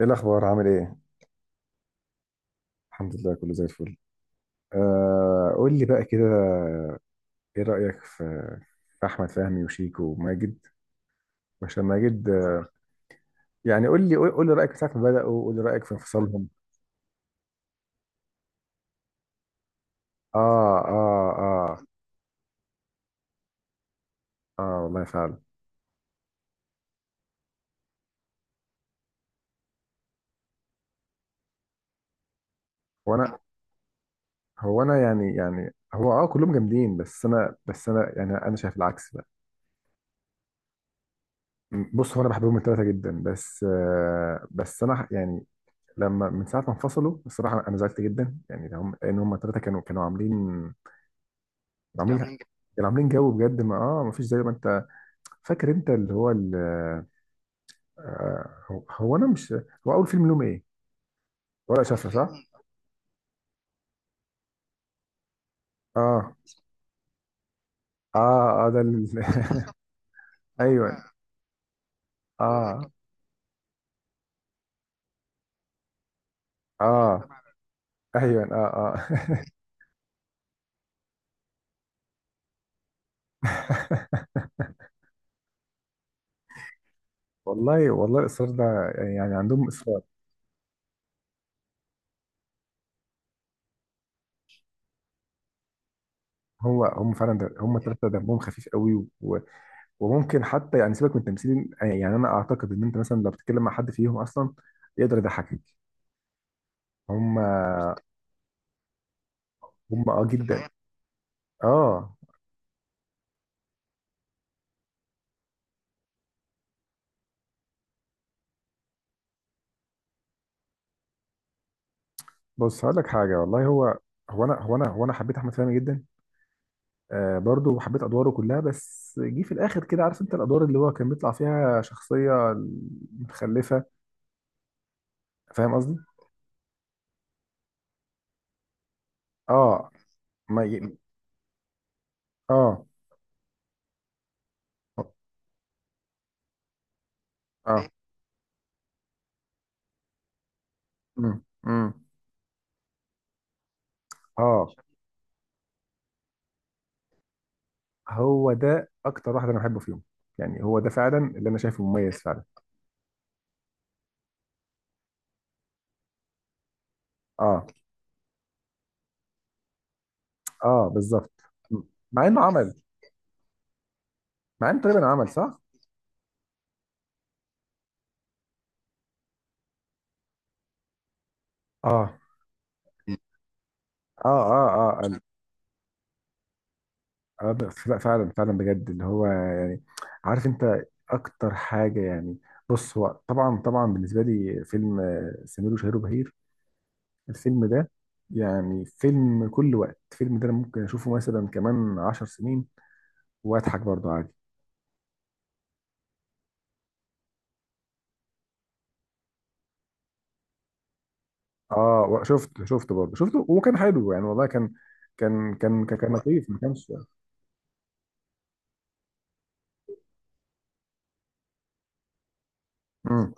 ايه الاخبار؟ عامل ايه؟ الحمد لله، كله زي الفل. قول لي بقى كده، ايه رايك في احمد فهمي وشيكو وماجد؟ عشان ماجد، يعني قول لي، قول لي رايك من ساعه ما بداوا، قول لي رايك في انفصالهم. اه. اه. اه. اه والله فعلا. وانا، هو انا يعني، هو، كلهم جامدين، بس انا شايف العكس بقى. بص، هو انا بحبهم الثلاثه جدا، بس آه بس انا ح- يعني لما من ساعه ما انفصلوا الصراحه انا زعلت جدا يعني، هم، لان هم الثلاثه كانوا عاملين، عاملين كانوا عاملين جو. بجد ما فيش زي ما انت فاكر، انت اللي هو ال... آه هو هو انا مش، هو اول فيلم لهم ايه؟ ورقة أول شفرة صح؟ فيلم. اه. اه. اه. ده ال... ايوه. هو اه كان تبع، ايوه. اه. اه. والله والله الاصرار ده يعني عندهم اصرار. هو هم فعلا، ده هم الثلاثه دمهم خفيف قوي. و... وممكن حتى يعني، سيبك من التمثيل، يعني انا اعتقد ان انت مثلا لو بتتكلم مع حد فيهم اصلا يقدر يضحكك. هم. في جدا الحقيقة. اه. بص هقول لك حاجه والله، هو هو انا هو انا هو انا حبيت احمد فهمي جدا. آه، برضه وحبيت ادواره كلها، بس جه في الاخر كده، عارف انت الادوار اللي هو كان بيطلع فيها شخصيه متخلفه. فاهم قصدي؟ اه. ما ي... اه. اه. امم امم اه، هو ده اكتر واحد انا بحبه فيهم، يعني هو ده فعلا اللي انا شايفه مميز فعلا. اه. اه بالظبط. مع انه عمل، مع انه تقريبا عمل صح. اه. اه. اه. اه. فعلا، فعلا بجد، اللي هو يعني، عارف انت اكتر حاجه يعني. بص، هو طبعا، طبعا بالنسبه لي فيلم سمير وشهير وبهير، الفيلم ده يعني فيلم كل وقت. الفيلم ده انا ممكن اشوفه مثلا كمان عشر سنين واضحك برضه عادي. اه، شفته، شفته برضه شفته، وكان حلو يعني، والله كان لطيف، ما كانش. امم.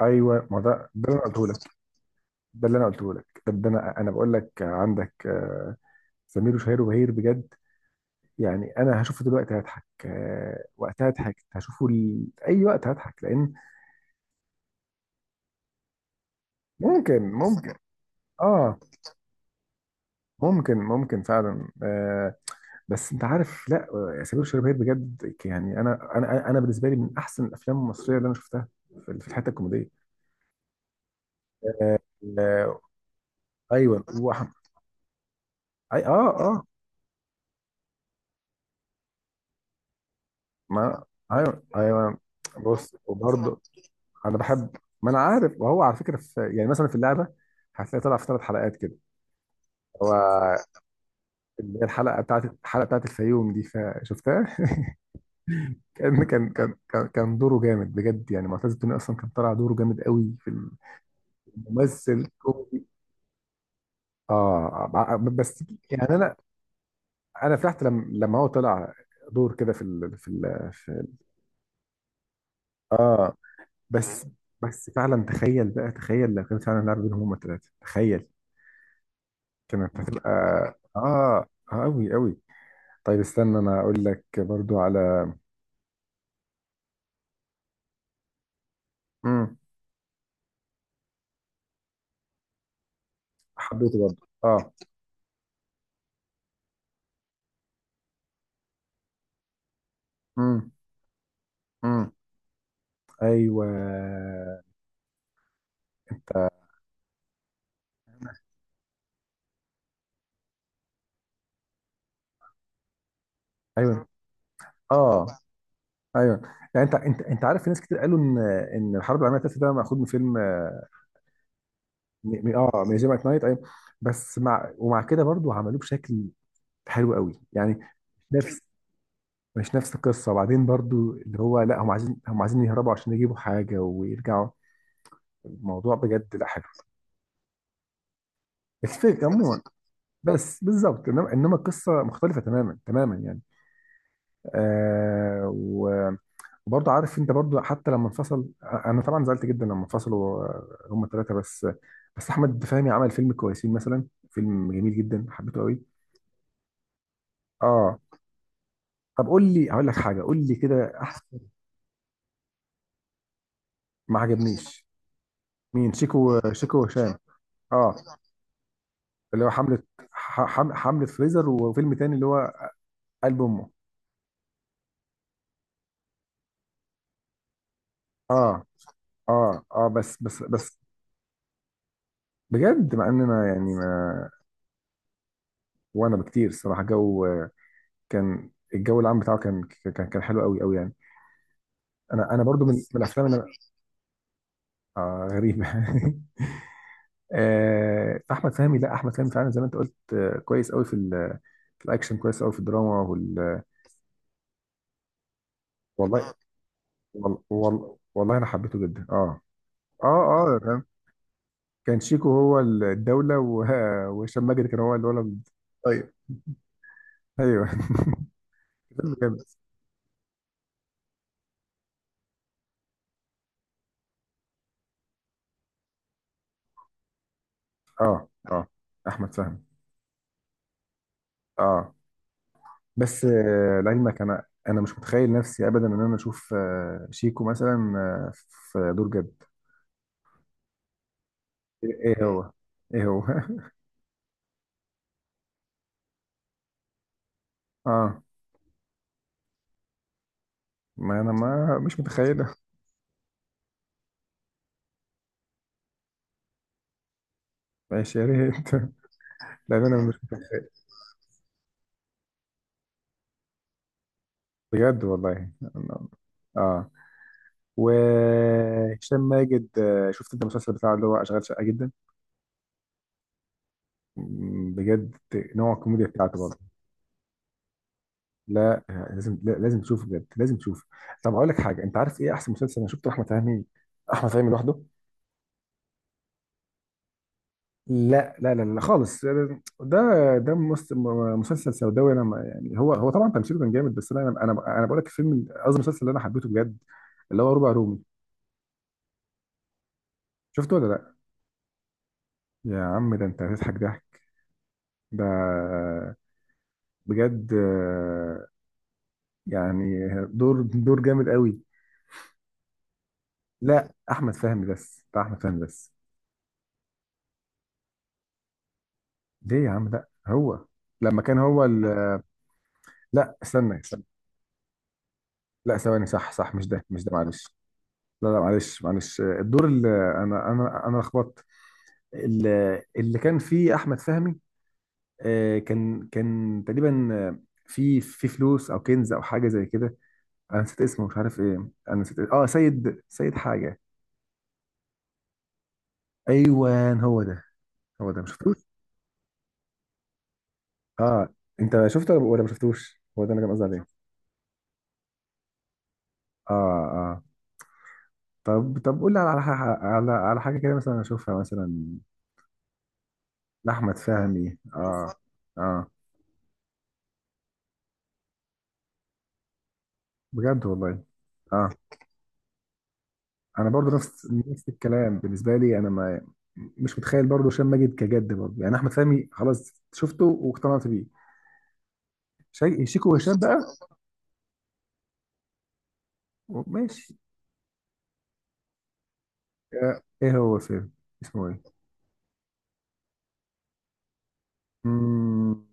ايوه، ما ده اللي انا قلته لك، ده اللي انا قلته لك ده ده انا انا بقول لك عندك، آه، سمير وشهير وبهير بجد يعني. انا هشوفه دلوقتي هضحك، آه، وقتها هضحك، هشوفه ل... اي وقت هضحك لان... ممكن. اه، ممكن فعلا، آه. بس انت عارف، لا، آه، سمير وشهير بهير بجد يعني. انا، بالنسبه لي من احسن الافلام المصريه اللي انا شفتها في الحته الكوميديه. آه. آه. ايوه. وأح- أي اه اه ما ايوه، ايوه. بص، وبرضه انا بحب، ما انا عارف، وهو على فكره، في يعني مثلا في اللعبه هتلاقي طلع في ثلاث حلقات كده. هو اللي هي الحلقه بتاعت، الحلقه بتاعت الفيوم دي، فشفتها. كان دوره جامد بجد يعني. معتز التوني اصلا كان طالع دوره جامد قوي في الممثل كوميدي. بس يعني، انا فرحت لما، هو طلع دور كده في ال، اه. بس بس فعلا، تخيل بقى، تخيل لو كان فعلا لعب بينهم هما الثلاثه، تخيل، كانت هتبقى، اه، آه، قوي قوي. طيب استنى، انا اقول لك برضو على... امم. حبيته برضو، اه. امم. ايوه. انت. ايوه. اه. ايوه. يعني انت، عارف، في ناس كتير قالوا ان، ان الحرب العالميه الثالثه ده مأخوذ من فيلم، اه، آه، ميوزيوم ات نايت، ايوه. بس مع، ومع كده برضو عملوه بشكل حلو قوي يعني. نفس، مش نفس القصه، وبعدين برضو اللي هو لا، هم عايزين، يهربوا عشان يجيبوا حاجه ويرجعوا. الموضوع بجد لا حلو، الفكره عموما، بس بالظبط. انما، القصه مختلفه تماما، تماما يعني. آه، وبرضه عارف انت برضه، حتى لما انفصل انا طبعا زعلت جدا لما انفصلوا، آه، هما الثلاثه، بس بس احمد فهمي عمل فيلم كويسين مثلا، فيلم جميل جدا حبيته قوي. اه. طب قول لي، هقول لك حاجه، قول لي كده احسن. ما عجبنيش. مين؟ شيكو، شيكو وهشام. اه، اللي هو حمله، حمله فريزر، وفيلم تاني اللي هو قلب امه. اه. اه. اه. بس بس بس بجد مع ان انا يعني ما... وانا بكتير الصراحه. جو، كان الجو العام بتاعه كان، كان حلو قوي قوي يعني. انا برضو من الافلام اللي انا... آه غريبه. آه احمد فهمي، لا احمد فهمي فعلا زي ما انت قلت آه كويس قوي في ال، في الاكشن، كويس قوي في الدراما، وال... والله، والله انا حبيته جدا، اه اه كان، كان شيكو هو الدوله، وهشام ماجد كان هو الولد. ايوه. ايوه. فيلم جامد. اه. اه، احمد فهمي، اه. بس آه، لعلمك انا، مش متخيل نفسي ابدا ان انا اشوف، آه، شيكو مثلا، آه، في دور جد. ايه؟ إيه؟ مم، هو. ايه، هو. اه، ما انا ما مش متخيله. ماشي يا ريت. لان انا مش متخيل، بجد والله. اه. وهشام ماجد، آه، شفت انت المسلسل بتاعه اللي هو اشغال شقه؟ جدا. مم، بجد نوع الكوميديا بتاعته برضه. لا آه، لازم، لا لازم تشوفه بجد، لازم تشوفه. طب اقول لك حاجه، انت عارف ايه احسن مسلسل انا شفته احمد فهمي، احمد فهمي لوحده؟ لا، لا، لا، لا، خالص. ده، ده مس- مسلسل سوداوي انا ما... يعني هو، طبعا تمثيله كان جامد، بس انا، بقول لك الفيلم، قصدي المسلسل اللي انا حبيته بجد، اللي هو ربع رومي. شفته ولا لا؟ يا عم ده انت هتضحك ضحك. ده، بجد، آه، يعني دور، دور جامد قوي. لا، احمد فهمي بس، بتاع احمد فهمي بس. ليه يا عم؟ لا، هو لما كان هو ال... لا، استنى، استنى. لا، ثواني. صح صح، مش ده، مش ده، معلش. لا، لا، معلش، معلش، آه، الدور اللي، انا انا لخبطت. ال- اللي كان فيه احمد فهمي، آه، كان، كان تقريبا، آه، في، في فلوس او كنز او حاجه زي كده. انا نسيت اسمه، مش عارف ايه، انا نسيت إيه. اه، سيد، سيد حاجه. ايوه، هو ده. هو ده ما شفتوش. اه. انت شفته ولا ما شفتوش؟ هو ده انا كان قصدي عليه. اه. اه. طب، طب قول لي على على، على حاجه كده مثلا اشوفها مثلا لاحمد فهمي. اه. اه. بجد والله. اه، انا برضو نفس، نفس الكلام بالنسبه لي، انا ما، مش متخيل برضو هشام ماجد كجد برضو يعني. احمد فهمي خلاص شفته واقتنعت بيه، شيكو وهشام بقى. ماشي، آه، ايه هو؟ فيلم اسمه ايه؟ مم...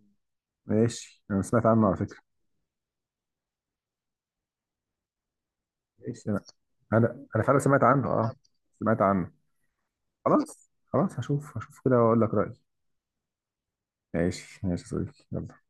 ماشي، انا سمعت عنه على فكره. ماشي، انا انا فعلا سمعت عنه. اه، سمعت عنه. خلاص، خلاص هشوف، هشوف كده واقول لك رايي. ماشي، ماشي يا صديقي، يلا.